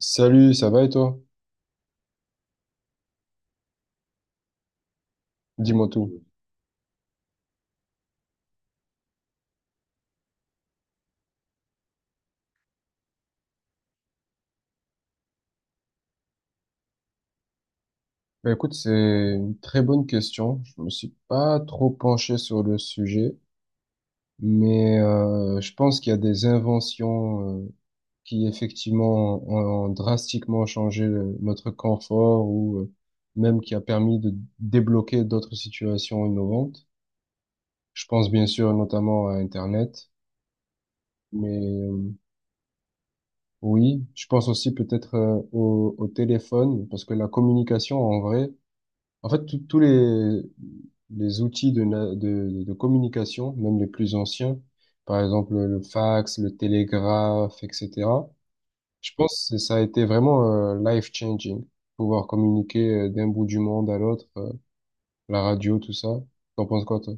Salut, ça va et toi? Dis-moi tout. Bah écoute, c'est une très bonne question. Je me suis pas trop penché sur le sujet, mais je pense qu'il y a des inventions qui effectivement ont drastiquement changé notre confort ou même qui a permis de débloquer d'autres situations innovantes. Je pense bien sûr notamment à Internet, mais oui, je pense aussi peut-être au téléphone parce que la communication en vrai. En fait, les outils de communication, même les plus anciens, par exemple le fax, le télégraphe, etc., je pense que ça a été vraiment life-changing, pouvoir communiquer d'un bout du monde à l'autre, la radio, tout ça. T'en penses quoi, toi?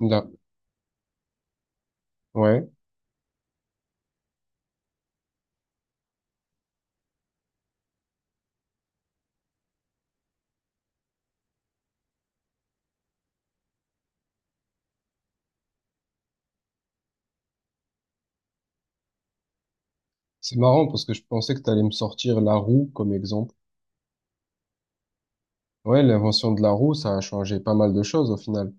Là. Ouais. C'est marrant parce que je pensais que t'allais me sortir la roue comme exemple. Ouais, l'invention de la roue, ça a changé pas mal de choses au final.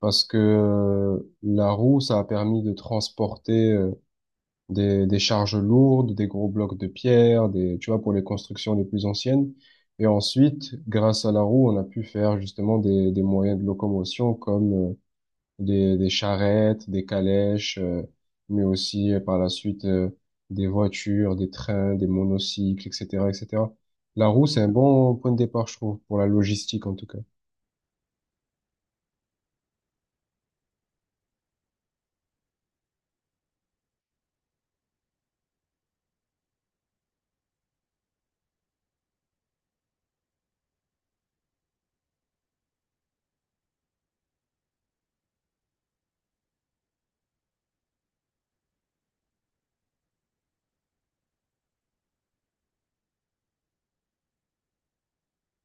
Parce que la roue, ça a permis de transporter des charges lourdes, des gros blocs de pierre, des, tu vois, pour les constructions les plus anciennes. Et ensuite, grâce à la roue, on a pu faire justement des moyens de locomotion comme des charrettes, des calèches, mais aussi par la suite des voitures, des trains, des monocycles, etc., etc. La roue, c'est un bon point de départ, je trouve, pour la logistique en tout cas.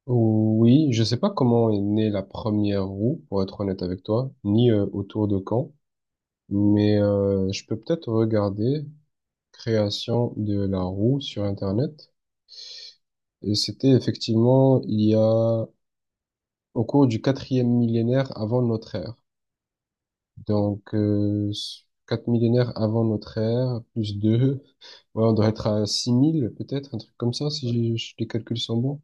Oui, je sais pas comment est née la première roue, pour être honnête avec toi, ni autour de quand. Mais je peux peut-être regarder création de la roue sur Internet. Et c'était effectivement il y a au cours du quatrième millénaire avant notre ère. Donc quatre millénaires avant notre ère plus deux, ouais, on doit être à 6000 peut-être un truc comme ça si les calculs sont bons.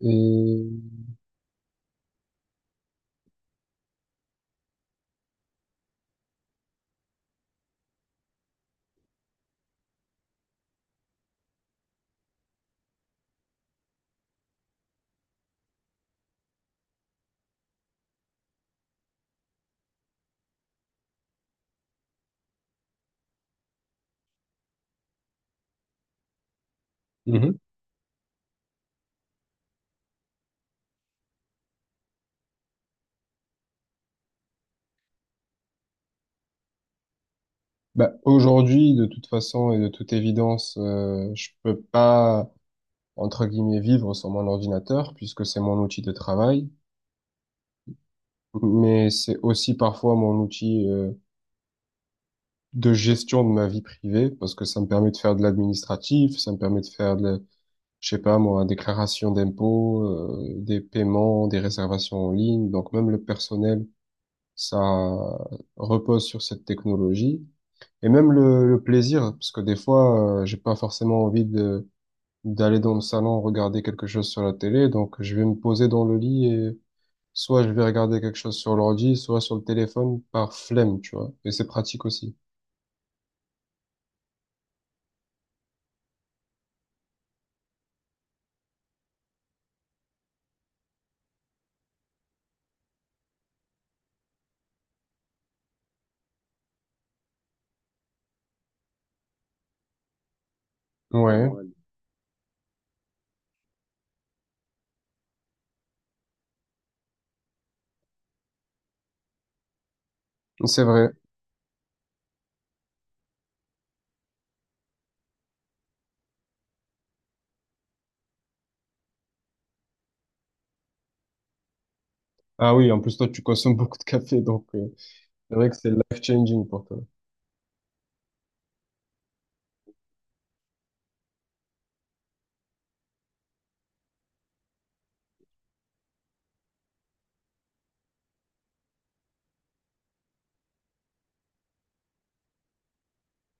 Et Mhm. Bah, aujourd'hui de toute façon et de toute évidence, je peux pas, entre guillemets, vivre sur mon ordinateur, puisque c'est mon outil de travail, mais c'est aussi parfois mon outil de gestion de ma vie privée, parce que ça me permet de faire de l'administratif, ça me permet de faire de, je sais pas moi, déclaration d'impôts, des paiements, des réservations en ligne, donc même le personnel, ça repose sur cette technologie. Et même le plaisir, parce que des fois, j'ai pas forcément envie de d'aller dans le salon regarder quelque chose sur la télé, donc je vais me poser dans le lit et soit je vais regarder quelque chose sur l'ordi, soit sur le téléphone par flemme, tu vois. Et c'est pratique aussi. Ouais, ouais. C'est vrai. Ah oui, en plus toi tu consommes beaucoup de café, donc c'est vrai que c'est life-changing pour toi.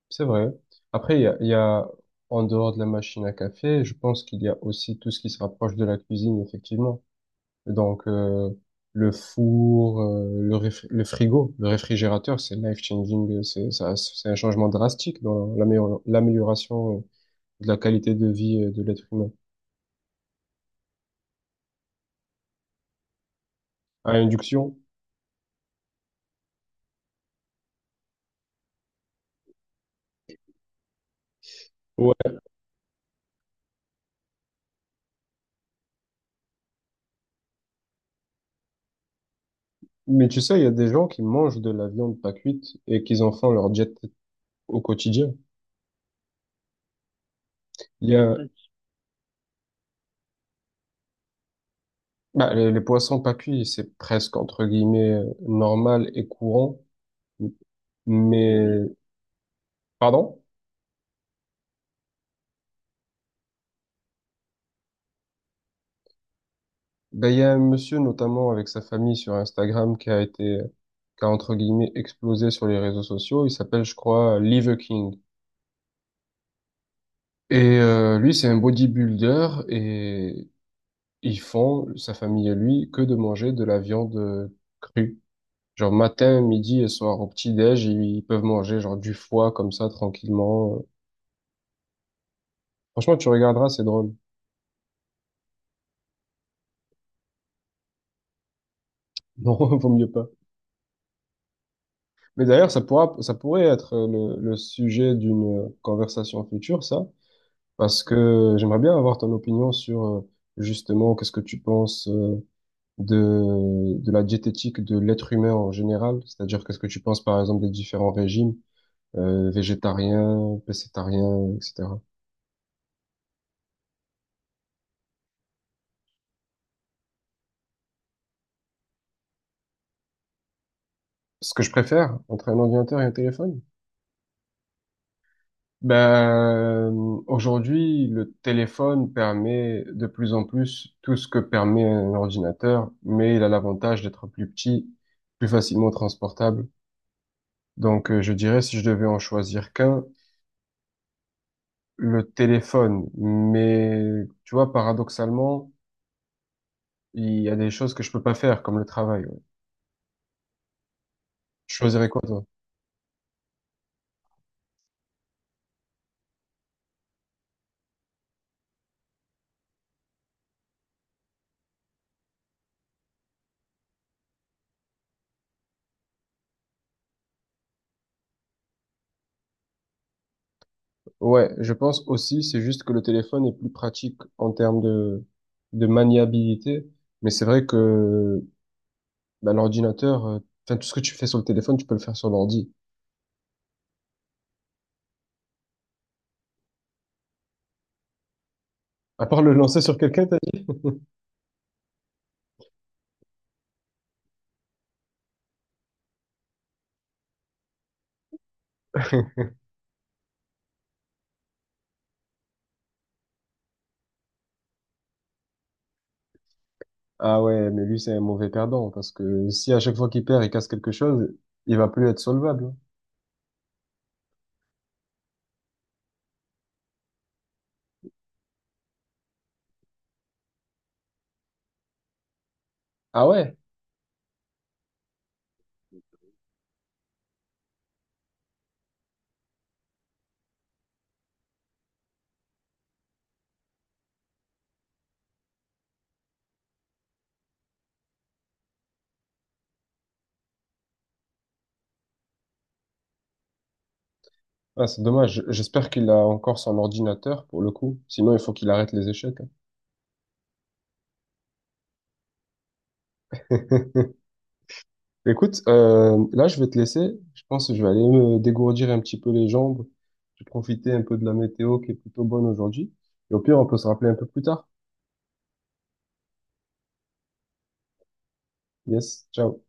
C'est vrai. Après, il y a, en dehors de la machine à café, je pense qu'il y a aussi tout ce qui se rapproche de la cuisine, effectivement. Donc le four, le frigo, le réfrigérateur, c'est life-changing, c'est un changement drastique dans l'amélioration de la qualité de vie de l'être humain. À induction? Ouais. Mais tu sais, il y a des gens qui mangent de la viande pas cuite et qu'ils en font leur diète au quotidien. Il y a, bah, les poissons pas cuits, c'est presque entre guillemets normal et courant. Mais, pardon? Ben, il y a un monsieur notamment avec sa famille sur Instagram qui a entre guillemets explosé sur les réseaux sociaux. Il s'appelle, je crois, Liver King. Et lui, c'est un bodybuilder et ils font, sa famille et lui, que de manger de la viande crue. Genre matin, midi et soir au petit-déj, ils peuvent manger genre du foie comme ça tranquillement. Franchement, tu regarderas, c'est drôle. Non, vaut mieux pas. Mais d'ailleurs, ça pourrait être le sujet d'une conversation future, ça, parce que j'aimerais bien avoir ton opinion sur justement qu'est-ce que tu penses de la diététique de l'être humain en général, c'est-à-dire qu'est-ce que tu penses par exemple des différents régimes végétariens, pécétariens, etc. Ce que je préfère entre un ordinateur et un téléphone. Ben, aujourd'hui, le téléphone permet de plus en plus tout ce que permet un ordinateur, mais il a l'avantage d'être plus petit, plus facilement transportable. Donc, je dirais, si je devais en choisir qu'un, le téléphone. Mais, tu vois, paradoxalement, il y a des choses que je peux pas faire, comme le travail. Ouais. Tu choisirais quoi, toi? Ouais, je pense aussi, c'est juste que le téléphone est plus pratique en termes de maniabilité. Mais c'est vrai que bah, l'ordinateur, enfin, tout ce que tu fais sur le téléphone, tu peux le faire sur l'ordi. À part le lancer sur quelqu'un, t'as dit? Ah ouais, mais lui, c'est un mauvais perdant, parce que si à chaque fois qu'il perd, il casse quelque chose, il va plus être solvable. Ah ouais? Ah, c'est dommage. J'espère qu'il a encore son ordinateur, pour le coup. Sinon, il faut qu'il arrête les échecs. Hein. Écoute, là, je vais te laisser. Je pense que je vais aller me dégourdir un petit peu les jambes. Je vais profiter un peu de la météo qui est plutôt bonne aujourd'hui. Et au pire, on peut se rappeler un peu plus tard. Yes, ciao.